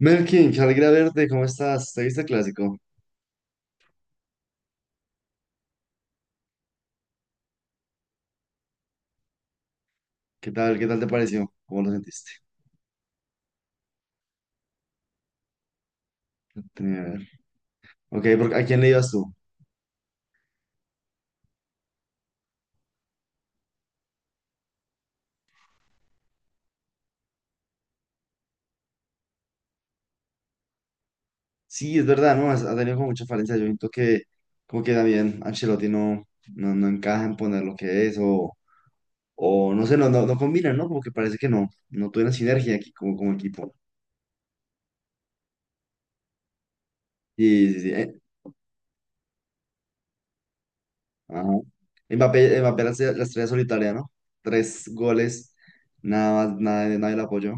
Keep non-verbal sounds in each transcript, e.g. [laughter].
Melkin, qué alegría verte, ¿cómo estás? ¿Te viste el clásico? ¿Qué tal? ¿Qué tal te pareció? ¿Cómo lo sentiste? Tenía que ver. Ok, porque ¿a quién le ibas tú? Sí, es verdad, ¿no? Ha tenido como mucha falencia. Yo siento que como que también Ancelotti no encaja en poner lo que es o no sé, no combina, ¿no? Como que parece que no tuvieron sinergia aquí como equipo. Y sí, sí, ajá. Mbappé, la estrella solitaria, ¿no? Tres goles, nada más, nada, nadie le apoyó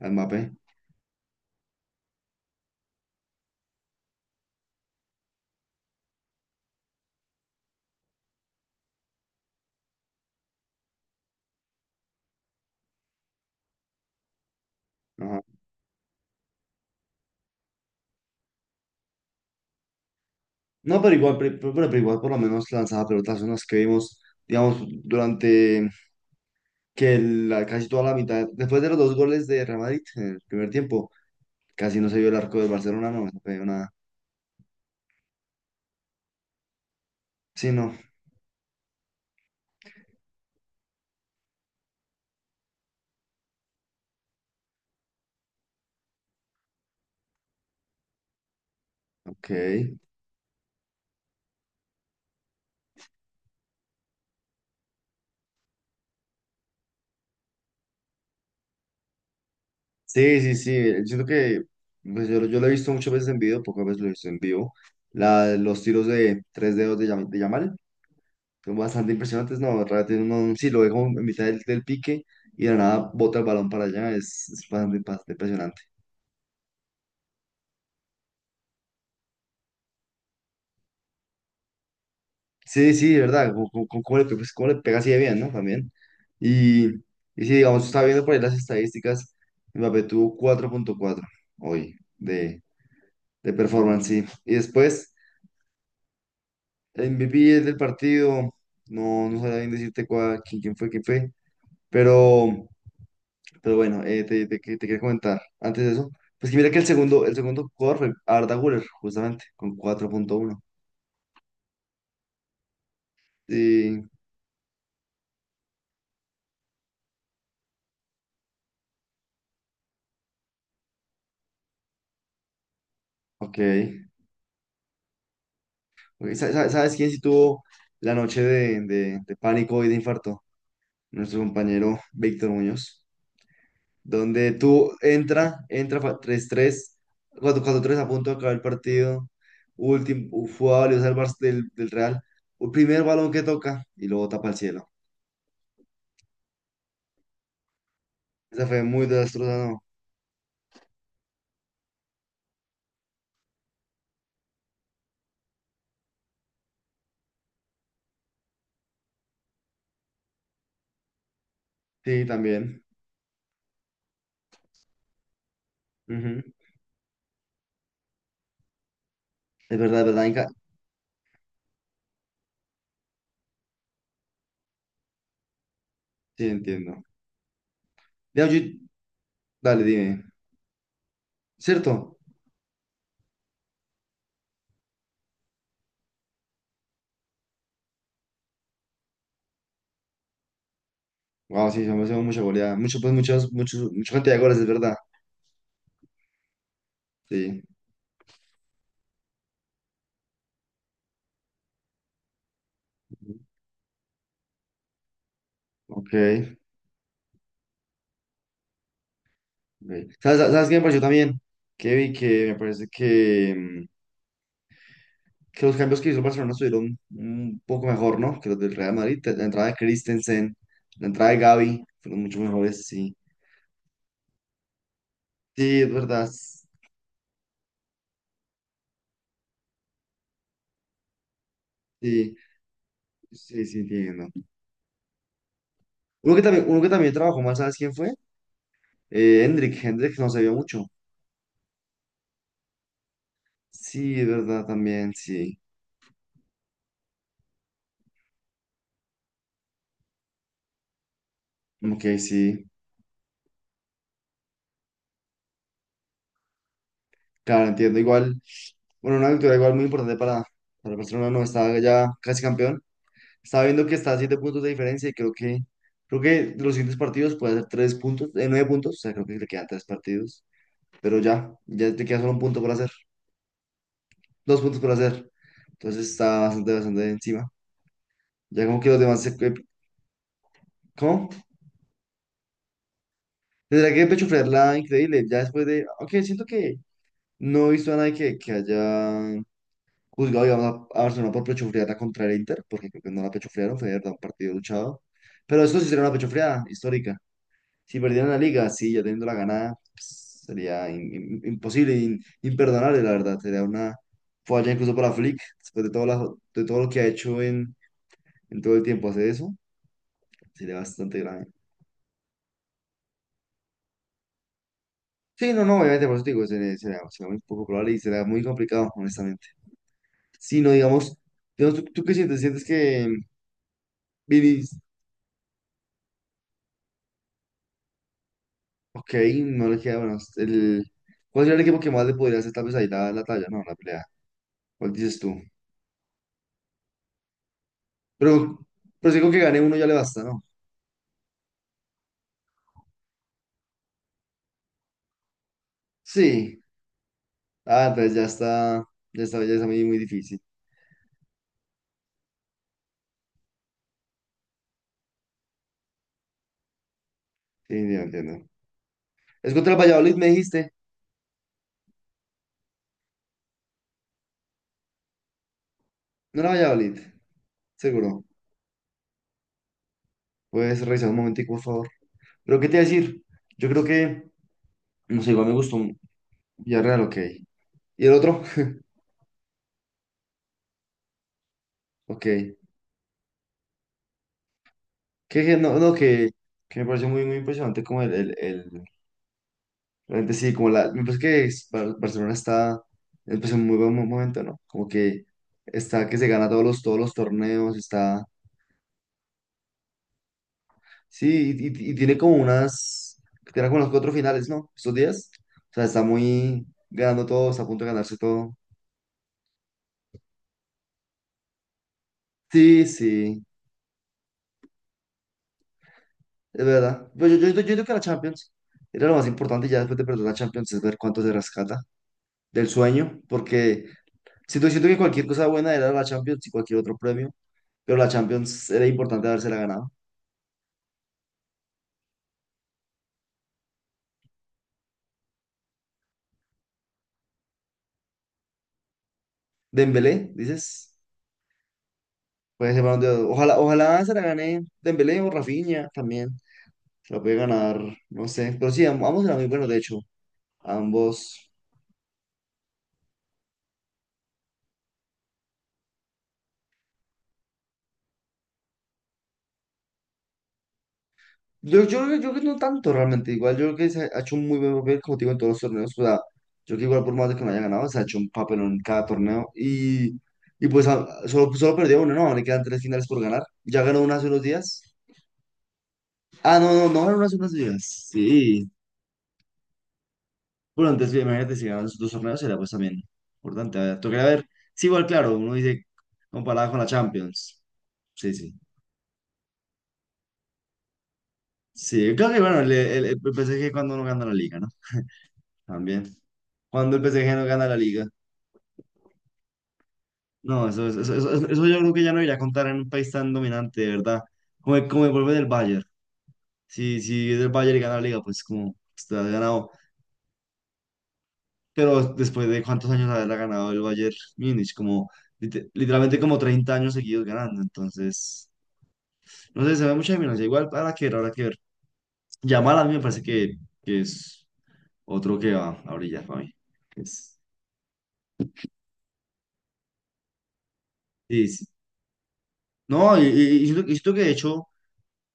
a Mbappé. No, pero igual, igual por lo menos lanzaba pelotas, unas que vimos, digamos, durante casi toda la mitad, después de los dos goles de Real Madrid en el primer tiempo, casi no se vio el arco del Barcelona, no se vio nada. Sí, no, ok. Sí, sí, sí, siento que pues, yo lo he visto muchas veces en video, pocas veces lo he visto en vivo. Los tiros de tres dedos de Yamal son bastante impresionantes, no, realmente uno sí lo ve como en mitad del pique y de la nada bota el balón para allá, es bastante bastante impresionante. Sí, sí, ¿verdad? ¿Cómo le pega así de bien, ¿no? También. Y, y si digamos, estaba viendo por ahí las estadísticas, Mbappé tuvo 4,4 hoy de performance, sí. Y después, el MVP del partido, no sabía bien decirte cuál, quién, quién fue, pero, pero bueno, te quería comentar antes de eso, pues que mira que el segundo jugador fue Arda Güler, justamente, con 4,1. Sí, ok. Güey, ¿sabes quién sí tuvo la noche de pánico y de infarto? Nuestro compañero Víctor Muñoz. Donde tú entra tres 3 4 4-4-3 a punto de acabar el partido. Último, fue a valiosa el Barça del Real. El primer balón que toca y luego tapa el cielo. Esa fue muy desastrosa, ¿no? Sí, también. Ujú. Es verdad, Inca. Sí, entiendo. Ya, dale, dime. ¿Cierto? Wow, sí, se me hace mucha goleada. Mucho, pues, muchos, mucha cantidad de goles, es verdad. Sí. Ok, ok. ¿Sabes qué me pareció también? Que vi que me parece que los cambios que hizo el Barcelona estuvieron un poco mejor, ¿no? Que los del Real Madrid. La entrada de Christensen, la entrada de Gavi, fueron mucho mejores, sí. Sí, es verdad. Sí, sí, sí, entiendo. Uno que también trabajó mal, ¿sabes quién fue? Hendrik no se vio mucho. Sí, es verdad, también, sí. Ok, sí. Claro, entiendo. Igual, bueno, una victoria igual muy importante para el Barcelona, no estaba ya casi campeón. Estaba viendo que está a 7 puntos de diferencia y creo que los siguientes partidos puede hacer 3 puntos, 9 puntos, o sea, creo que le quedan tres partidos, pero ya te queda solo 1 punto por hacer, 2 puntos por hacer. Entonces está bastante, bastante encima. Ya como que los demás se... ¿Cómo? Tendrá que pechofrearla increíble, ya después de... Ok, siento que no he visto a nadie que haya juzgado, digamos, a Barcelona por pechofrearla contra el Inter, porque creo que no la pechofrearon, fue de verdad un partido luchado. Pero esto sí será una pechofreada histórica. Si perdieran la liga, sí, ya teniendo la ganada, pues, sería imposible, imperdonable, la verdad. Sería una falla incluso para Flick, después de todo, de todo lo que ha hecho en todo el tiempo hacer eso, sería bastante grave. Sí, no, obviamente, por eso te digo, sería muy poco probable y sería muy complicado, honestamente. Si no, digamos, ¿tú qué sientes? ¿Sientes que Vini, ok, no le queda, bueno, ¿cuál sería el equipo que más le podría hacer tal vez ahí la talla? No, la pelea. ¿Cuál dices tú? Pero, pero si con que gane uno ya le basta, ¿no? Sí, ah, entonces ya está muy, muy difícil. Sí, ya entiendo. Es contra el Valladolid, me dijiste. No era Valladolid, seguro. Puedes revisar un momentico, por favor. Pero, ¿qué te iba a decir? Yo creo que, no sé, igual me gustó Villarreal, ok. ¿Y el otro? [laughs] Ok. Que no, que me pareció muy, muy impresionante como realmente sí, como me parece que Barcelona está, empezó en muy buen momento, ¿no? Como que está, que se gana todos los torneos, está. Sí, y tiene como tiene como unos cuatro finales, ¿no? Estos días. O sea, está muy ganando todo, está a punto de ganarse todo. Sí, sí, es verdad. Pero yo creo que la Champions era lo más importante ya después de perder la Champions, es ver cuánto se rescata del sueño, porque siento que cualquier cosa buena era la Champions y cualquier otro premio, pero la Champions era importante habérsela ganado. Dembélé, dices, puede ser Balón de Oro. Ojalá, ojalá se la gane Dembélé o Rafinha también. La puede ganar, no sé. Pero sí, ambos eran muy buenos, de hecho. Ambos. Yo creo que no tanto realmente. Igual yo creo que se ha hecho un muy buen papel, como te digo, en todos los torneos. O sea, yo creo que igual por más de que no haya ganado, se ha hecho un papel en cada torneo. Y pues solo perdió uno, ¿no? Le quedan tres finales por ganar. Ya ganó una hace unos días. Ah, no, no, no ganó una hace unos días. Sí. Bueno, antes, sí, imagínate, si ganan esos dos torneos, sería pues también importante. A ver, tocaría ver. Sí, igual, claro, uno dice, comparada con la Champions. Sí, sí. Sí, creo que bueno, el PSG cuando no gana la liga, ¿no? También. Cuando el PSG no gana la liga. No, eso yo creo que ya no iría a contar en un país tan dominante, de verdad. Como el volver del Bayern. Si es del Bayern y gana la liga, pues como te has ganado. Pero después de cuántos años haberla ganado el Bayern Múnich, como literalmente como 30 años seguidos ganando. Entonces, no sé, se ve mucha dominancia. Igual, habrá que ver, habrá que ver. Yamal a mí me parece que es otro que va a brillar para mí. Es, sí, sí. No, y siento que de hecho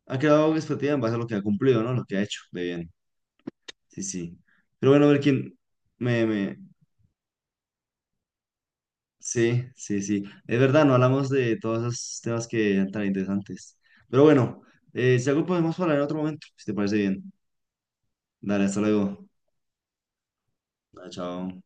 ha creado expectativa en base a lo que ha cumplido, ¿no? Lo que ha hecho de bien. Sí, sí. Pero bueno, a ver quién me... Sí, sí, sí. Es verdad, no hablamos de todos esos temas que eran tan interesantes. Pero bueno, si algo podemos hablar en otro momento, si te parece bien. Dale, hasta luego. Ah, chao.